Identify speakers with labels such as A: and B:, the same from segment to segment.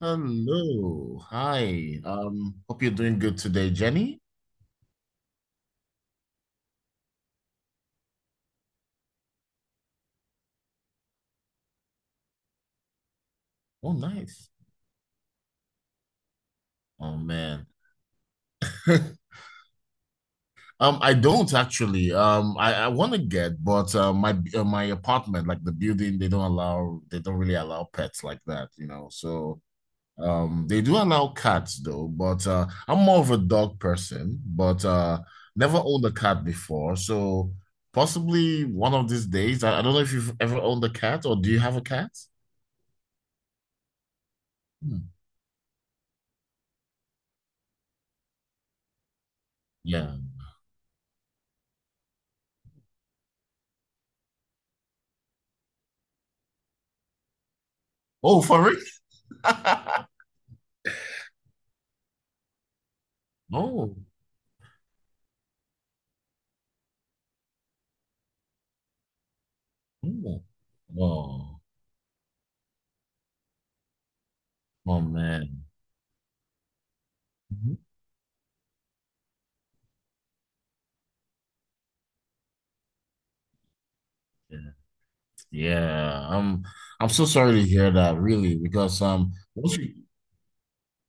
A: Hello. Hi. Hope you're doing good today, Jenny. Oh, nice. Oh man. I don't actually. I want to get, but my apartment, like the building, they don't really allow pets like that. So they do allow cats though, but I'm more of a dog person, but never owned a cat before. So possibly one of these days. I don't know if you've ever owned a cat or do you have a cat? Hmm. Yeah. Oh, for real? Oh, oh, oh, oh man. Mhm. Yeah, yeah. I'm so sorry to hear that, really, because what's your.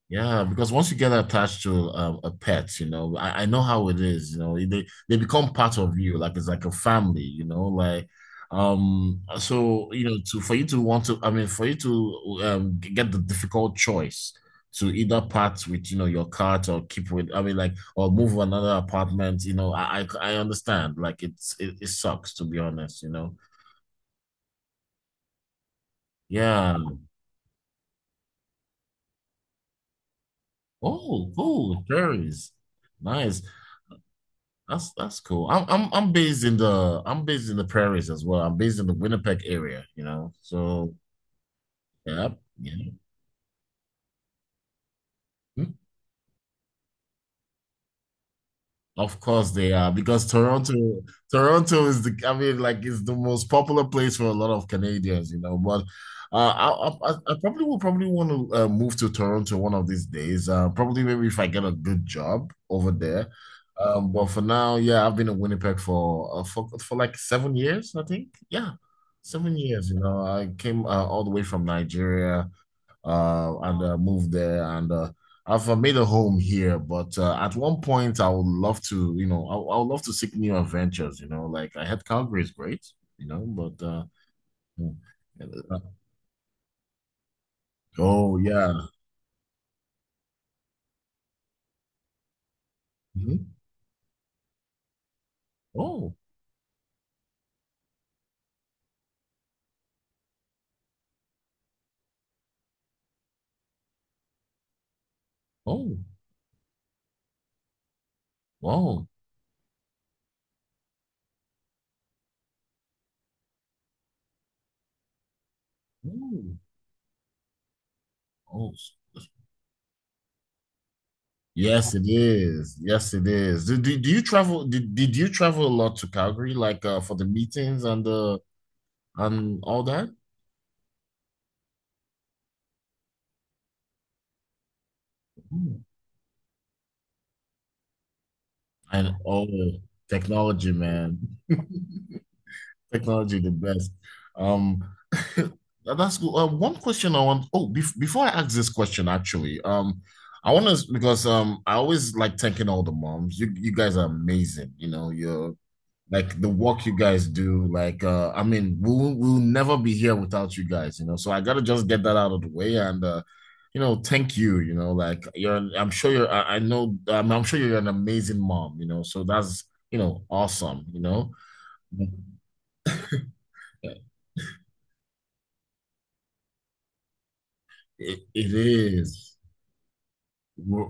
A: Yeah, because once you get attached to a pet, I know how it is. You know, they become part of you, like it's like a family. You know, like So you know, to for you to want to, I mean, for you to get the difficult choice to either part with your cat or keep with, I mean, like or move to another apartment. You know, I understand. Like it sucks to be honest. You know, yeah. Oh, cool, cherries, nice. That's cool. I'm based in the prairies as well. I'm based in the Winnipeg area. So yeah, yeah. Hmm? Of course they are because Toronto is the, I mean, like it's the most popular place for a lot of Canadians, you know. But I probably will probably want to move to Toronto one of these days. Probably maybe if I get a good job over there. But for now, yeah, I've been in Winnipeg for for like 7 years, I think. Yeah, 7 years. You know, I came all the way from Nigeria and moved there. And I've made a home here, but at one point I would love to. I would love to seek new adventures. You know, like I had Calgary is great, you know, but mm, uh, oh yeah. Mhm. Oh, oh wow. Oh, oh yes, it is, yes it is. Do you travel? Did you travel a lot to Calgary, like for the meetings and the and all that? Mm. And oh, technology, man. Technology, the best. Um, that's good. One question I want. Oh, before I ask this question, actually, I want to because I always like thanking all the moms. You guys are amazing. You know, you're like the work you guys do. Like, I mean, we'll never be here without you guys. You know, so I gotta just get that out of the way and thank you. You know, like you're. I'm sure you're. I know. I'm sure you're an amazing mom. You know, so that's awesome. You know. It is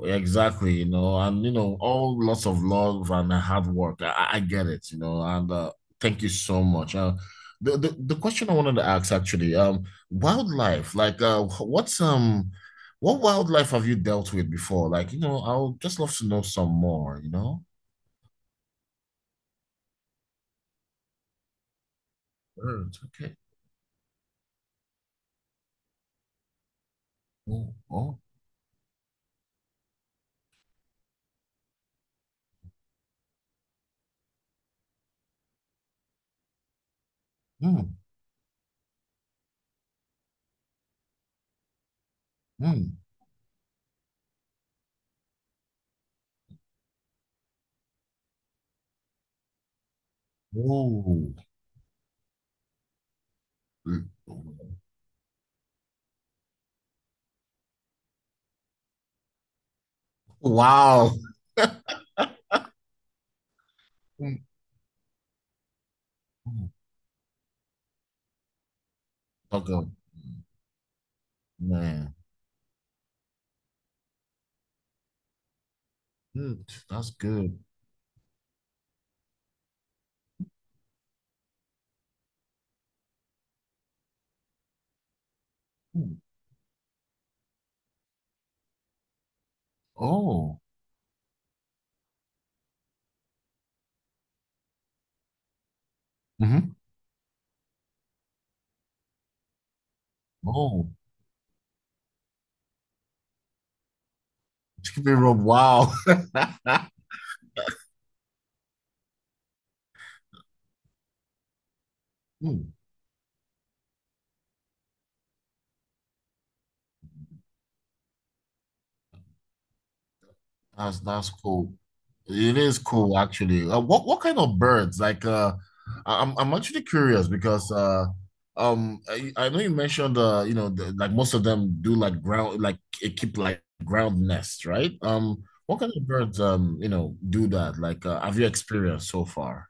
A: exactly, you know, and you know, all lots of love and hard work. I get it, you know, and thank you so much. The question I wanted to ask actually, wildlife, like, what wildlife have you dealt with before? Like, you know, I'll just love to know some more. You know, birds. Okay. Oh, oh, mm, mm, oh, mm. Wow. Mm, mm. Okay, man. Mm, that's good. Mm. Oh, hmm. Oh, chicken rub. Wow. Mm. That's cool. It is cool, actually. What kind of birds? Like, I'm actually curious because I know you mentioned you know, the, like most of them do like ground, like it keep like ground nests, right? What kind of birds do that? Like, have you experienced so far?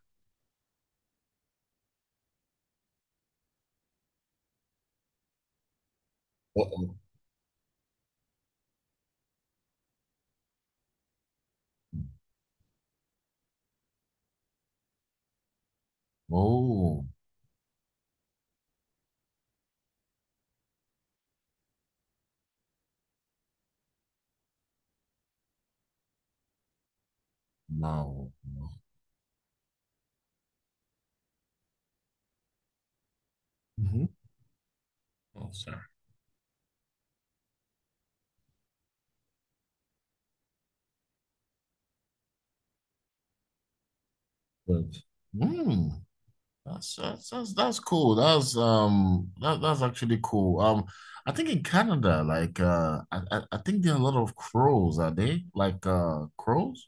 A: Uh-oh. Oh, no, no. Mhm. Oh, sorry. But mm, that's cool. That's actually cool. I think in Canada, like I think there are a lot of crows. Are they like crows?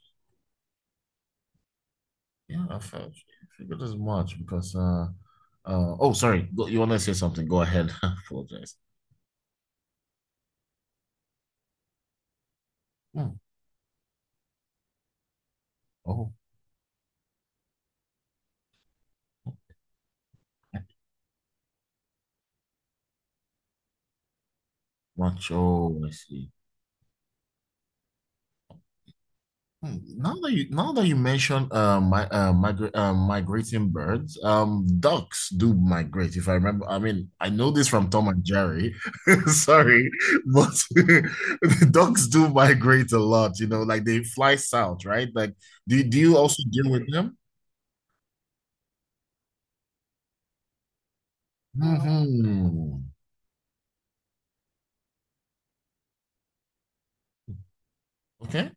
A: Yeah, I felt figured as much because oh sorry, you want to say something? Go ahead. I apologize. Hmm. Oh, much. Oh, I see. Now that you mention my migra migrating birds, ducks do migrate if I remember. I mean, I know this from Tom and Jerry. Sorry, but ducks do migrate a lot, like they fly south, right? Like do you also deal with them? Hmm. Okay.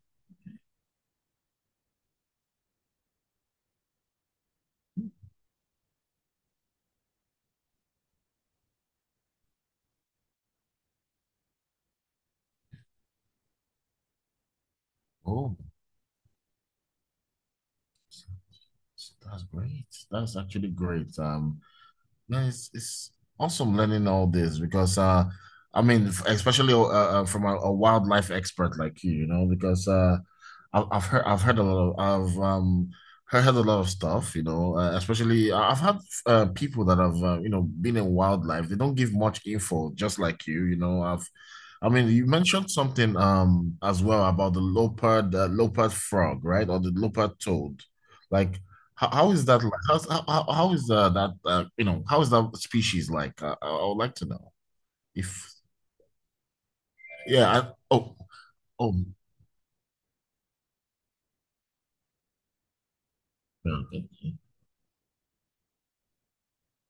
A: Oh, that's great. That's actually great. No, it's awesome learning all this because I mean especially from a wildlife expert like you know, because I've heard a lot of heard a lot of stuff, you know, especially I've had people that have you know been in wildlife. They don't give much info, just like you know. I mean you mentioned something as well about the leopard frog, right? Or the leopard toad. Like how is that like? How's, how is that How is that species like? I would like to know if, yeah. Oh, oh, no,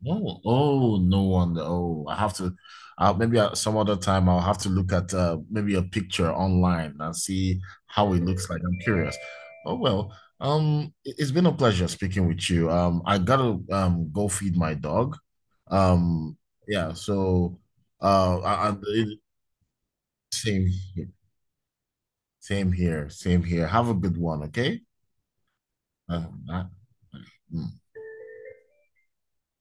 A: no. Oh, no wonder. Oh, I have to maybe some other time I'll have to look at maybe a picture online and see how it looks like. I'm curious. Oh well, it's been a pleasure speaking with you. I gotta go feed my dog. Um, yeah. So uh, I, I, it- same. Same here. Same here. Have a good one, okay? Uh, uh, mm.